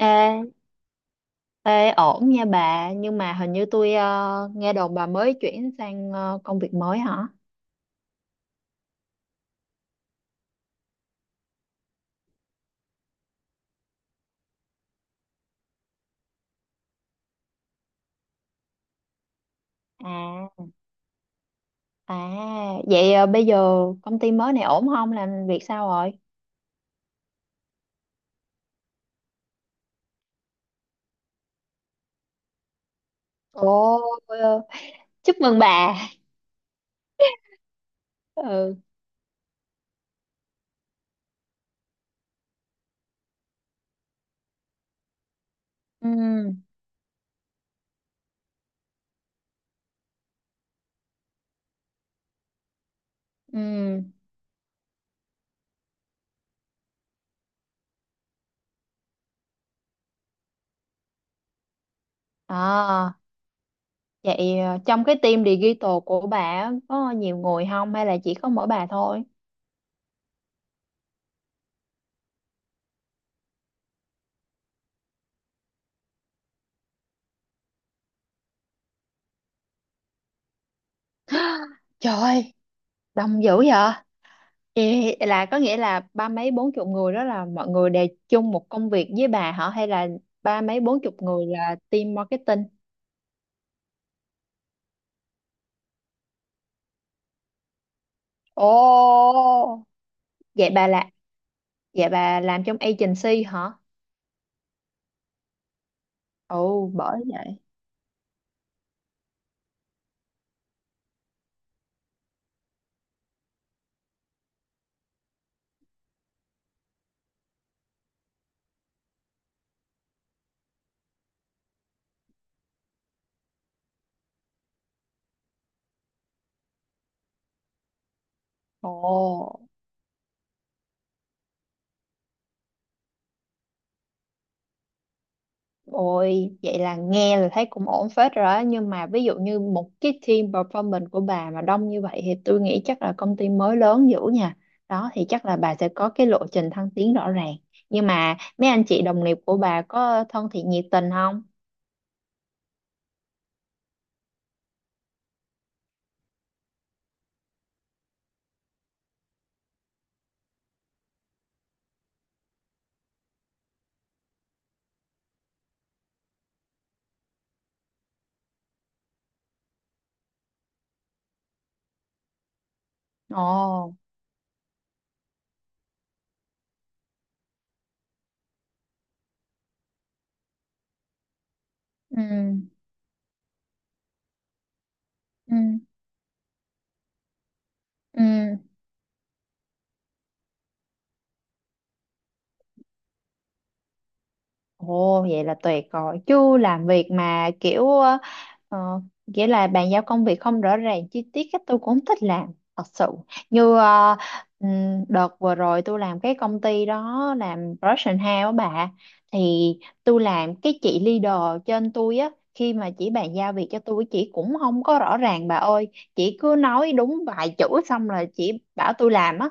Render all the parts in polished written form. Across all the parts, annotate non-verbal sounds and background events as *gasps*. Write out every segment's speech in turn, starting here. Ê, ê, ổn nha bà nhưng mà hình như tôi nghe đồn bà mới chuyển sang công việc mới hả. À, à, vậy bây giờ công ty mới này ổn không, làm việc sao rồi? Ồ, ờ, chúc mừng bà. Ừ, ừ, ừ. À, vậy trong cái team digital của bà á, có nhiều người không hay là chỉ có mỗi bà thôi? *gasps* Trời ơi, đông dữ vậy! Ê, là có nghĩa là ba mấy bốn chục người đó là mọi người đều chung một công việc với bà hả, hay là ba mấy bốn chục người là team marketing? Ồ. Vậy bà là vậy bà làm trong agency hả? Ồ, bởi vậy. Ồ. Ôi, vậy là nghe là thấy cũng ổn phết rồi đó. Nhưng mà ví dụ như một cái team performance của bà mà đông như vậy thì tôi nghĩ chắc là công ty mới lớn dữ nha. Đó thì chắc là bà sẽ có cái lộ trình thăng tiến rõ ràng. Nhưng mà mấy anh chị đồng nghiệp của bà có thân thiện nhiệt tình không? Ồ. Ừ. Ừ. Ừ. Ồ, vậy là tuyệt rồi, chứ làm việc mà kiểu ờ, nghĩa là bàn giao công việc không rõ ràng chi tiết cách tôi cũng không thích làm thật sự, như ừm, đợt vừa rồi tôi làm cái công ty đó làm production house á bà, thì tôi làm cái chị leader trên tôi á, khi mà chị bàn giao việc cho tôi chị cũng không có rõ ràng bà ơi. Chị cứ nói đúng vài chữ xong là chị bảo tôi làm á,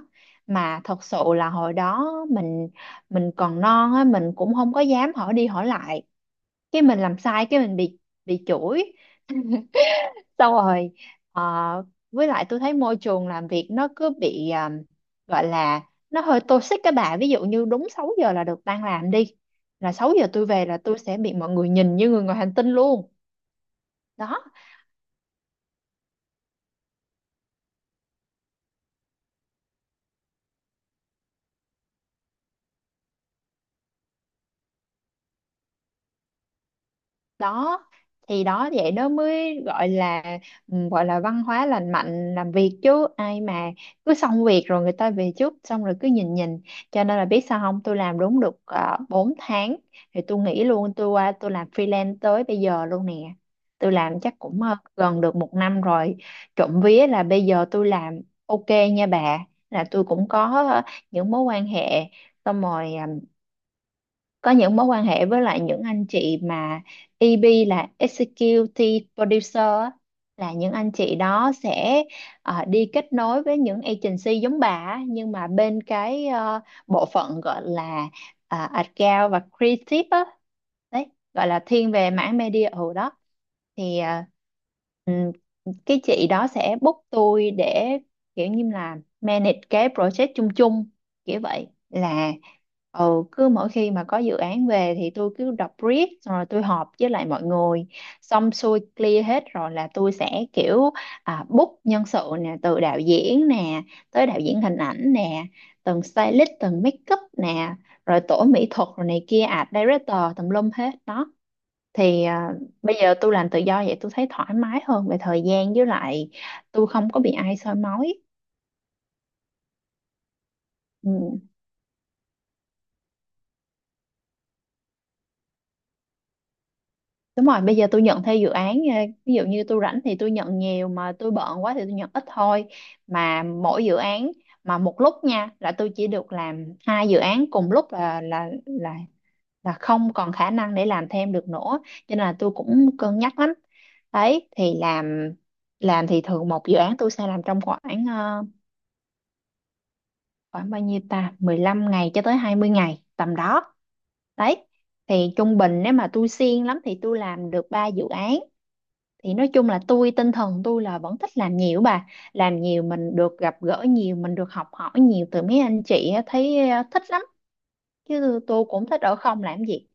mà thật sự là hồi đó mình còn non á, mình cũng không có dám hỏi đi hỏi lại, cái mình làm sai cái mình bị chửi. Xong rồi ờ, với lại tôi thấy môi trường làm việc nó cứ bị gọi là nó hơi toxic các bà, ví dụ như đúng 6 giờ là được tan làm đi, là 6 giờ tôi về là tôi sẽ bị mọi người nhìn như người ngoài hành tinh luôn đó. Đó thì đó vậy đó mới gọi là, ừ, gọi là văn hóa lành mạnh làm việc, chứ ai mà cứ xong việc rồi người ta về trước xong rồi cứ nhìn nhìn. Cho nên là biết sao không, tôi làm đúng được 4 tháng thì tôi nghỉ luôn, tôi qua tôi làm freelance tới bây giờ luôn nè. Tôi làm chắc cũng gần được một năm rồi. Trộm vía là bây giờ tôi làm ok nha bà, là tôi cũng có những mối quan hệ, xong rồi có những mối quan hệ với lại những anh chị mà EB là Executive Producer á, là những anh chị đó sẽ đi kết nối với những agency giống bà á, nhưng mà bên cái bộ phận gọi là account và creative á, đấy, gọi là thiên về mảng media ở đó. Thì ừm, cái chị đó sẽ book tôi để kiểu như là manage cái project chung chung kiểu vậy là. Ừ, cứ mỗi khi mà có dự án về thì tôi cứ đọc brief xong rồi tôi họp với lại mọi người, xong xuôi clear hết rồi là tôi sẽ kiểu book nhân sự nè, từ đạo diễn nè tới đạo diễn hình ảnh nè, từng stylist, từng make up nè, rồi tổ mỹ thuật, rồi này kia art director tùm lum hết đó. Thì bây giờ tôi làm tự do vậy tôi thấy thoải mái hơn về thời gian, với lại tôi không có bị ai soi mói. Ừ. Đúng rồi, bây giờ tôi nhận theo dự án, ví dụ như tôi rảnh thì tôi nhận nhiều, mà tôi bận quá thì tôi nhận ít thôi. Mà mỗi dự án mà một lúc nha, là tôi chỉ được làm hai dự án cùng lúc, là không còn khả năng để làm thêm được nữa. Cho nên là tôi cũng cân nhắc lắm. Đấy, thì làm thì thường một dự án tôi sẽ làm trong khoảng khoảng bao nhiêu ta? 15 ngày cho tới 20 ngày tầm đó. Đấy. Thì trung bình nếu mà tôi siêng lắm thì tôi làm được 3 dự án. Thì nói chung là tôi, tinh thần tôi là vẫn thích làm nhiều bà, làm nhiều mình được gặp gỡ nhiều, mình được học hỏi nhiều từ mấy anh chị á, thấy thích lắm, chứ tôi cũng thích ở không làm gì.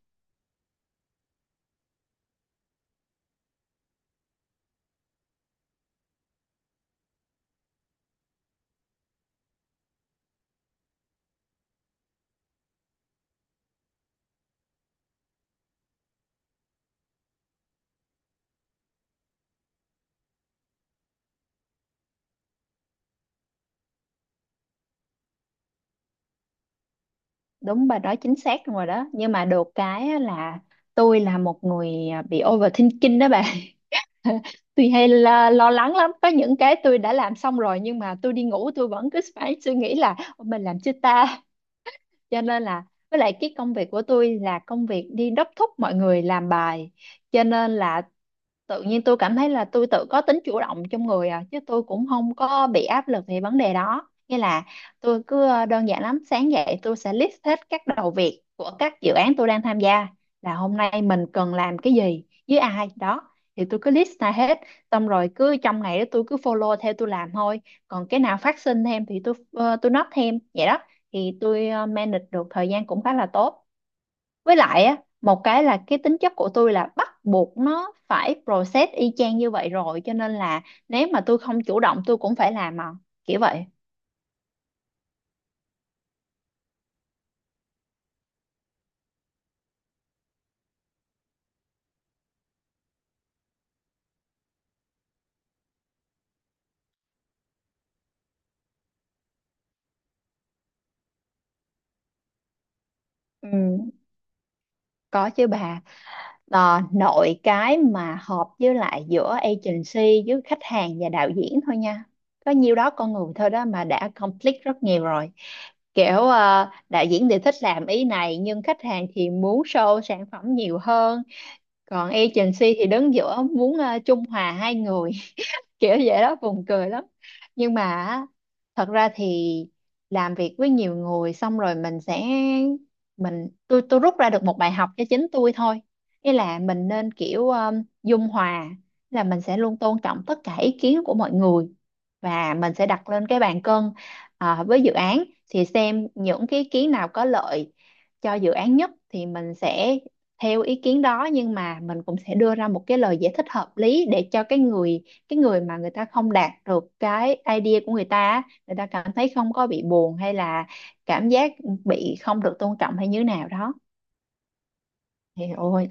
Đúng, bà nói chính xác rồi đó, nhưng mà được cái á là tôi là một người bị overthinking đó bà. *laughs* Tôi hay lo lắng lắm, có những cái tôi đã làm xong rồi nhưng mà tôi đi ngủ tôi vẫn cứ phải suy nghĩ là "Ôi, mình làm chưa ta?" *laughs* Cho nên là, với lại cái công việc của tôi là công việc đi đốc thúc mọi người làm bài, cho nên là tự nhiên tôi cảm thấy là tôi tự có tính chủ động trong người à, chứ tôi cũng không có bị áp lực về vấn đề đó. Nghĩa là tôi cứ đơn giản lắm, sáng dậy tôi sẽ list hết các đầu việc của các dự án tôi đang tham gia, là hôm nay mình cần làm cái gì với ai đó, thì tôi cứ list ra hết, xong rồi cứ trong ngày đó tôi cứ follow theo tôi làm thôi. Còn cái nào phát sinh thêm thì tôi note thêm vậy đó. Thì tôi manage được thời gian cũng khá là tốt. Với lại á, một cái là cái tính chất của tôi là bắt buộc nó phải process y chang như vậy rồi, cho nên là nếu mà tôi không chủ động tôi cũng phải làm mà, kiểu vậy. Ừ, có chứ bà. Ờ, nội cái mà hợp với lại giữa agency với khách hàng và đạo diễn thôi nha, có nhiêu đó con người thôi đó mà đã conflict rất nhiều rồi. Kiểu đạo diễn thì thích làm ý này nhưng khách hàng thì muốn show sản phẩm nhiều hơn, còn agency thì đứng giữa muốn trung hòa hai người, kiểu vậy đó, buồn cười lắm. Nhưng mà á, thật ra thì làm việc với nhiều người xong rồi mình sẽ, mình tôi rút ra được một bài học cho chính tôi thôi. Nghĩa là mình nên kiểu dung hòa, là mình sẽ luôn tôn trọng tất cả ý kiến của mọi người, và mình sẽ đặt lên cái bàn cân, à, với dự án thì xem những cái ý kiến nào có lợi cho dự án nhất thì mình sẽ theo ý kiến đó. Nhưng mà mình cũng sẽ đưa ra một cái lời giải thích hợp lý để cho cái người mà người ta không đạt được cái idea của người ta á, người ta cảm thấy không có bị buồn hay là cảm giác bị không được tôn trọng hay như thế nào đó. Thì ôi,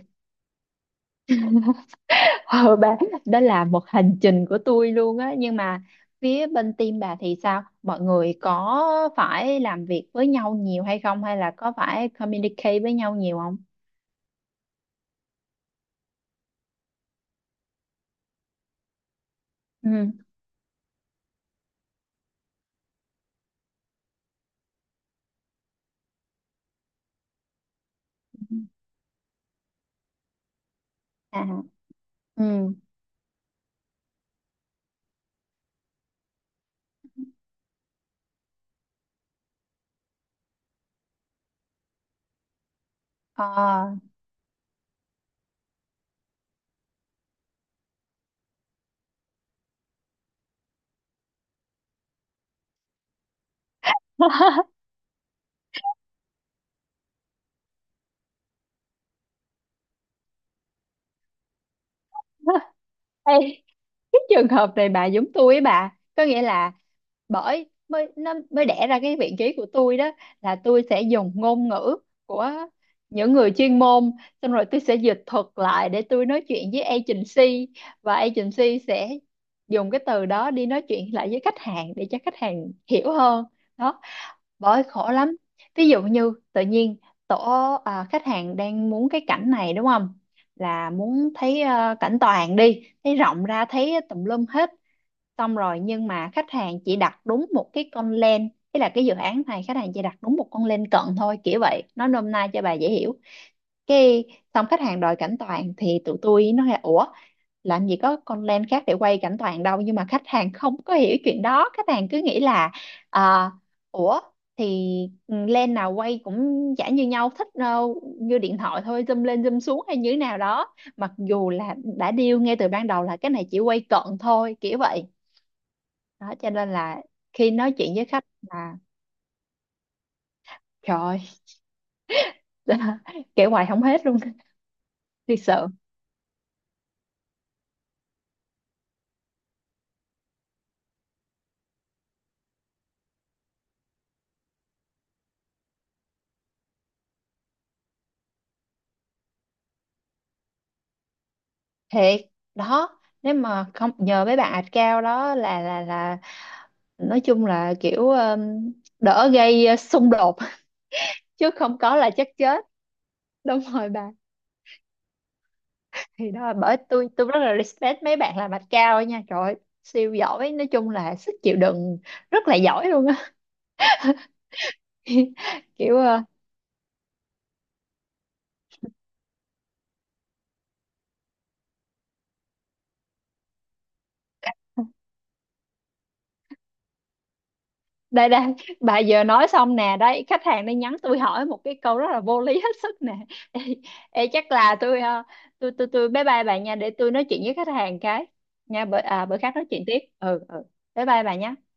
*laughs* ờ, bà, đó là một hành trình của tôi luôn á. Nhưng mà phía bên team bà thì sao, mọi người có phải làm việc với nhau nhiều hay không, hay là có phải communicate với nhau nhiều không? Ừ. À. Ừ. Ờ. *laughs* Ê, cái trường hợp này bà giống tôi ấy bà, có nghĩa là bởi mới nó mới đẻ ra cái vị trí của tôi đó, là tôi sẽ dùng ngôn ngữ của những người chuyên môn, xong rồi tôi sẽ dịch thuật lại để tôi nói chuyện với agency, và agency sẽ dùng cái từ đó đi nói chuyện lại với khách hàng để cho khách hàng hiểu hơn. Đó, bởi khổ lắm. Ví dụ như tự nhiên tổ khách hàng đang muốn cái cảnh này đúng không, là muốn thấy à, cảnh toàn, đi thấy rộng ra thấy tùm lum hết xong rồi, nhưng mà khách hàng chỉ đặt đúng một cái con lens. Ý là cái dự án này khách hàng chỉ đặt đúng một con lens cận thôi, kiểu vậy, nói nôm na cho bà dễ hiểu. Cái xong khách hàng đòi cảnh toàn thì tụi tôi nói là ủa, làm gì có con lens khác để quay cảnh toàn đâu, nhưng mà khách hàng không có hiểu chuyện đó, khách hàng cứ nghĩ là à, ủa thì lens nào quay cũng chả như nhau, thích như điện thoại thôi zoom lên zoom xuống hay như thế nào đó, mặc dù là đã deal ngay từ ban đầu là cái này chỉ quay cận thôi kiểu vậy. Đó, cho nên là khi nói chuyện với khách là trời ơi, *laughs* kể hoài không hết luôn. Thiệt sự, thiệt đó, nếu mà không nhờ mấy bạn ạch cao đó là nói chung là kiểu đỡ gây xung đột. *laughs* Chứ không có là chắc chết. Đúng rồi bà, thì đó là bởi tôi rất là respect mấy bạn làm ạch cao nha, trời ơi, siêu giỏi, nói chung là sức chịu đựng rất là giỏi luôn á. *laughs* Kiểu đây đây bà vừa nói xong nè đấy, khách hàng đang nhắn tôi hỏi một cái câu rất là vô lý hết sức nè. *laughs* Ê, ê, chắc là tôi ờ, tôi bye bye bà nha, để tôi nói chuyện với khách hàng cái nha, bởi à, bữa khác nói chuyện tiếp. Ừ, ừ, bye bye bà nhé.